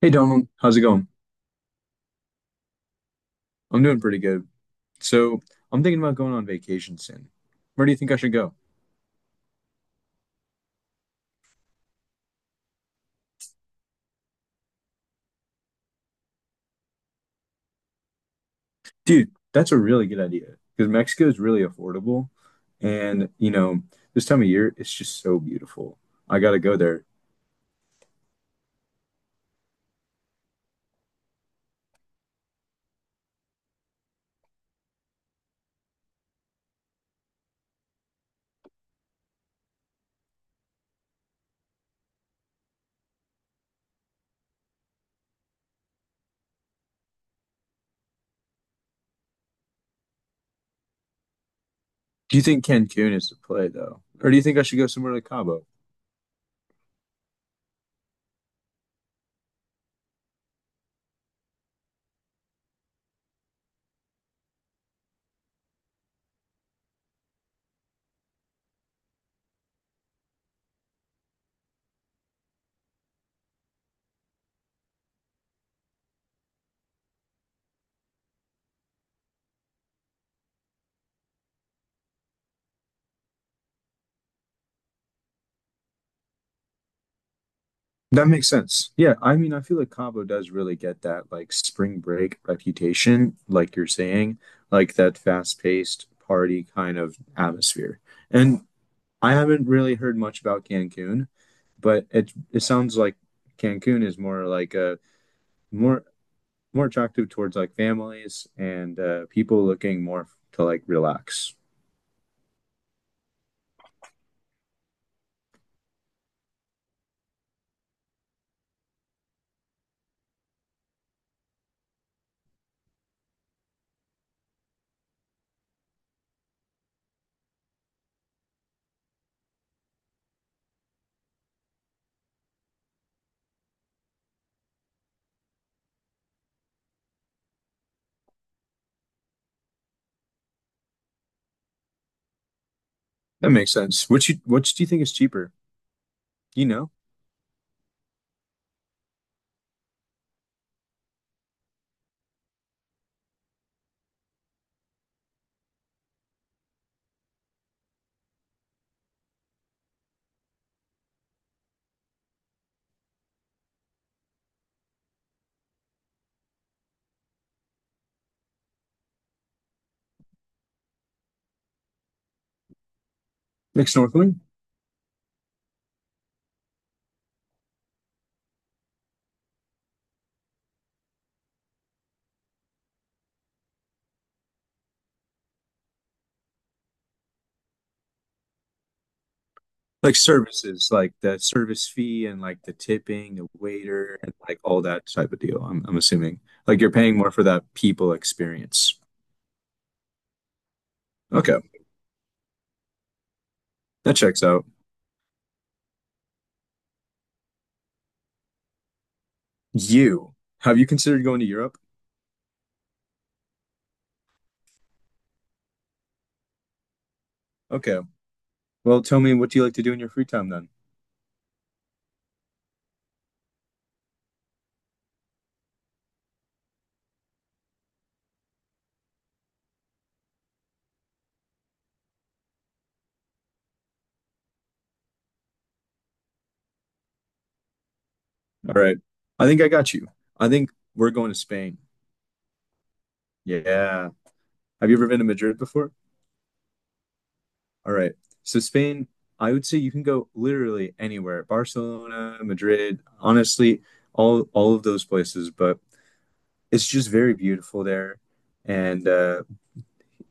Hey Donald, how's it going? I'm doing pretty good. So I'm thinking about going on vacation soon. Where do you think I should go? Dude, that's a really good idea because Mexico is really affordable. And, this time of year, it's just so beautiful. I gotta go there. Do you think Cancun is the play though? Or do you think I should go somewhere like Cabo? That makes sense. Yeah, I mean, I feel like Cabo does really get that like spring break reputation, like you're saying, like that fast-paced party kind of atmosphere. And I haven't really heard much about Cancun, but it sounds like Cancun is more like a more more attractive towards like families and people looking more to like relax. That makes sense. Which do you think is cheaper? You know, Like snorkeling? Like services, like the service fee and like the tipping, the waiter, and like all that type of deal. I'm assuming like you're paying more for that people experience. Okay, that checks out. You Have you considered going to Europe? Okay. Well, tell me, what do you like to do in your free time then? All right. I think I got you. I think we're going to Spain. Yeah. Have you ever been to Madrid before? All right. So, Spain, I would say you can go literally anywhere. Barcelona, Madrid, honestly, all of those places, but it's just very beautiful there. And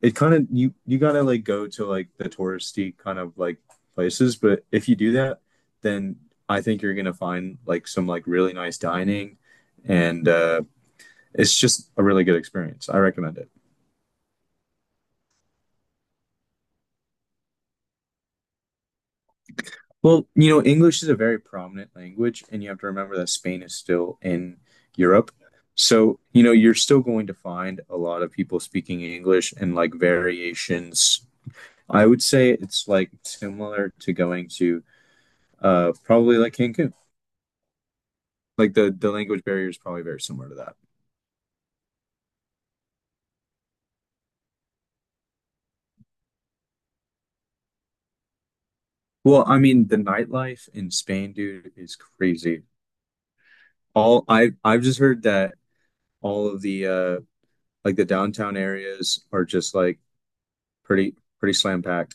it kind of you gotta like go to like the touristy kind of like places, but if you do that, then I think you're gonna find like some like really nice dining and it's just a really good experience. I recommend it. Well, English is a very prominent language, and you have to remember that Spain is still in Europe. So, you're still going to find a lot of people speaking English and like variations. I would say it's like similar to going to probably like Cancun. Like the language barrier is probably very similar to that. Well, I mean, the nightlife in Spain, dude, is crazy. All I've just heard that all of the like the downtown areas are just like pretty pretty slam packed.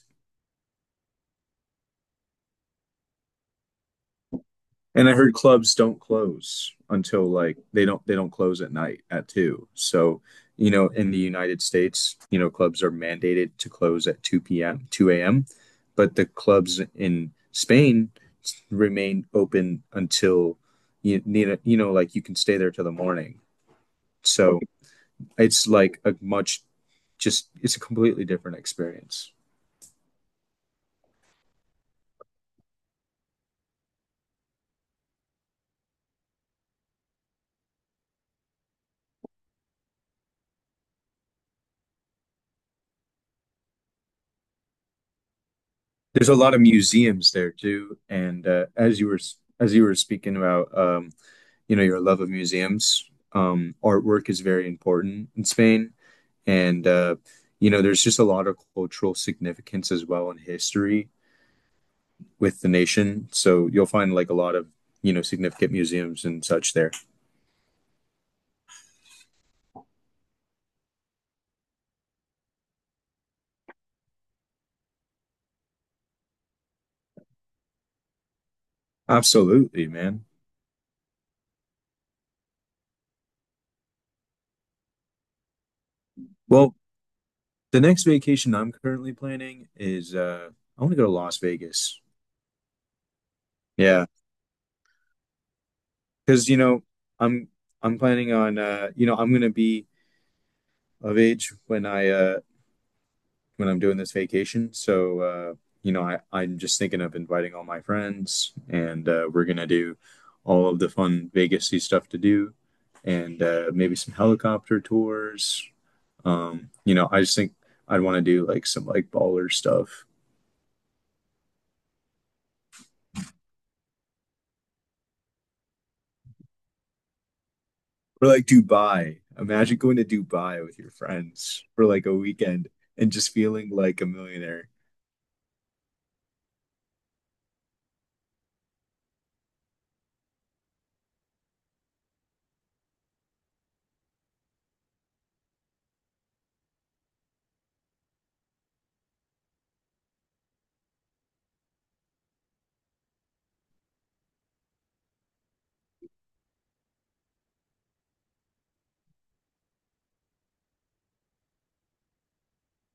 And I heard clubs don't close until like they don't close at night at two. So in the United States, clubs are mandated to close at 2 p.m. 2 a.m. But the clubs in Spain remain open until you need a, you know like you can stay there till the morning. So it's like a much, just it's a completely different experience. There's a lot of museums there too, and as you were speaking about, your love of museums, artwork is very important in Spain, and there's just a lot of cultural significance as well in history with the nation. So you'll find like a lot of, significant museums and such there. Absolutely, man. Well, the next vacation I'm currently planning is I want to go to Las Vegas. Yeah. Because I'm I'm planning on I'm gonna be of age when I'm doing this vacation. So I'm just thinking of inviting all my friends and we're gonna do all of the fun Vegasy stuff to do and maybe some helicopter tours. I just think I'd want to do like some like baller stuff or like Dubai. Imagine going to Dubai with your friends for like a weekend and just feeling like a millionaire.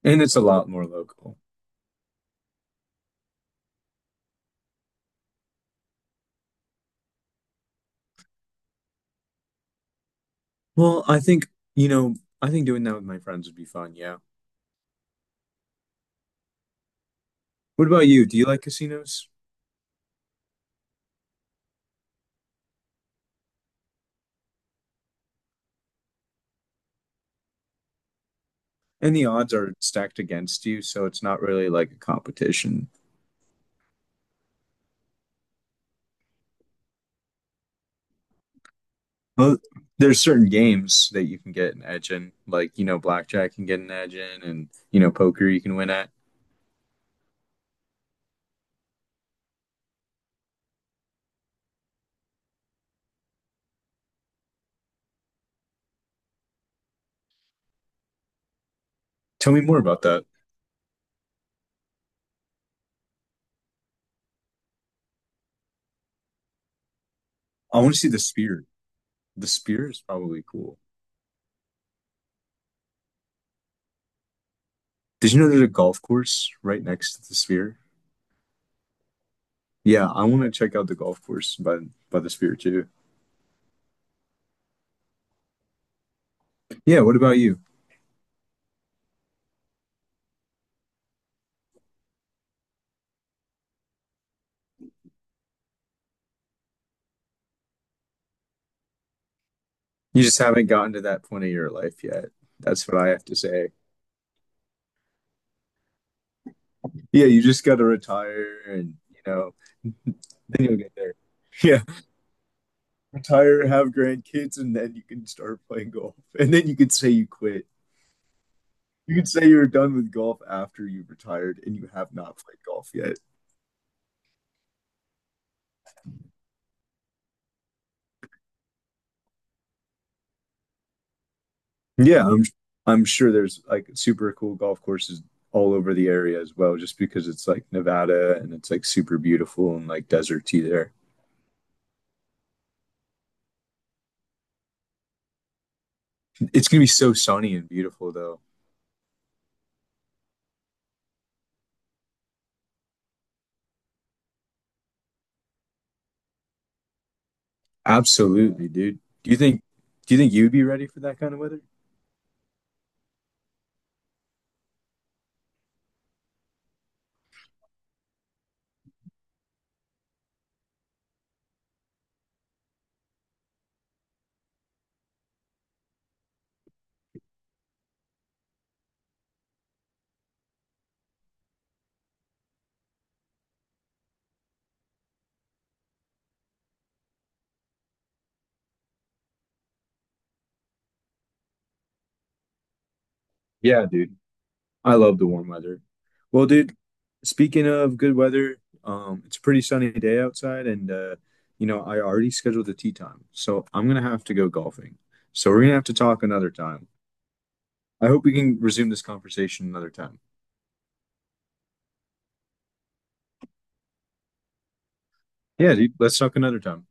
And it's a lot more local. Well, I think doing that with my friends would be fun, yeah. What about you? Do you like casinos? And the odds are stacked against you, so it's not really like a competition. Well, there's certain games that you can get an edge in, like, blackjack can get an edge in and, poker you can win at. Tell me more about that. I want to see the sphere. The sphere is probably cool. Did you know there's a golf course right next to the sphere? Yeah, I want to check out the golf course by the sphere too. Yeah, what about you? You just haven't gotten to that point of your life yet. That's what I have to say. Yeah, you just got to retire and, then you'll get there. Yeah, retire, have grandkids, and then you can start playing golf. And then you can say you quit. You can say you're done with golf after you retired and you have not played golf yet. Yeah, I'm sure there's like super cool golf courses all over the area as well, just because it's like Nevada and it's like super beautiful and like deserty there. It's gonna be so sunny and beautiful though. Absolutely, dude. Do you think you'd be ready for that kind of weather? Yeah, dude. I love the warm weather. Well, dude, speaking of good weather, it's a pretty sunny day outside, and I already scheduled the tee time, so I'm gonna have to go golfing. So we're gonna have to talk another time. I hope we can resume this conversation another time. Yeah, dude, let's talk another time.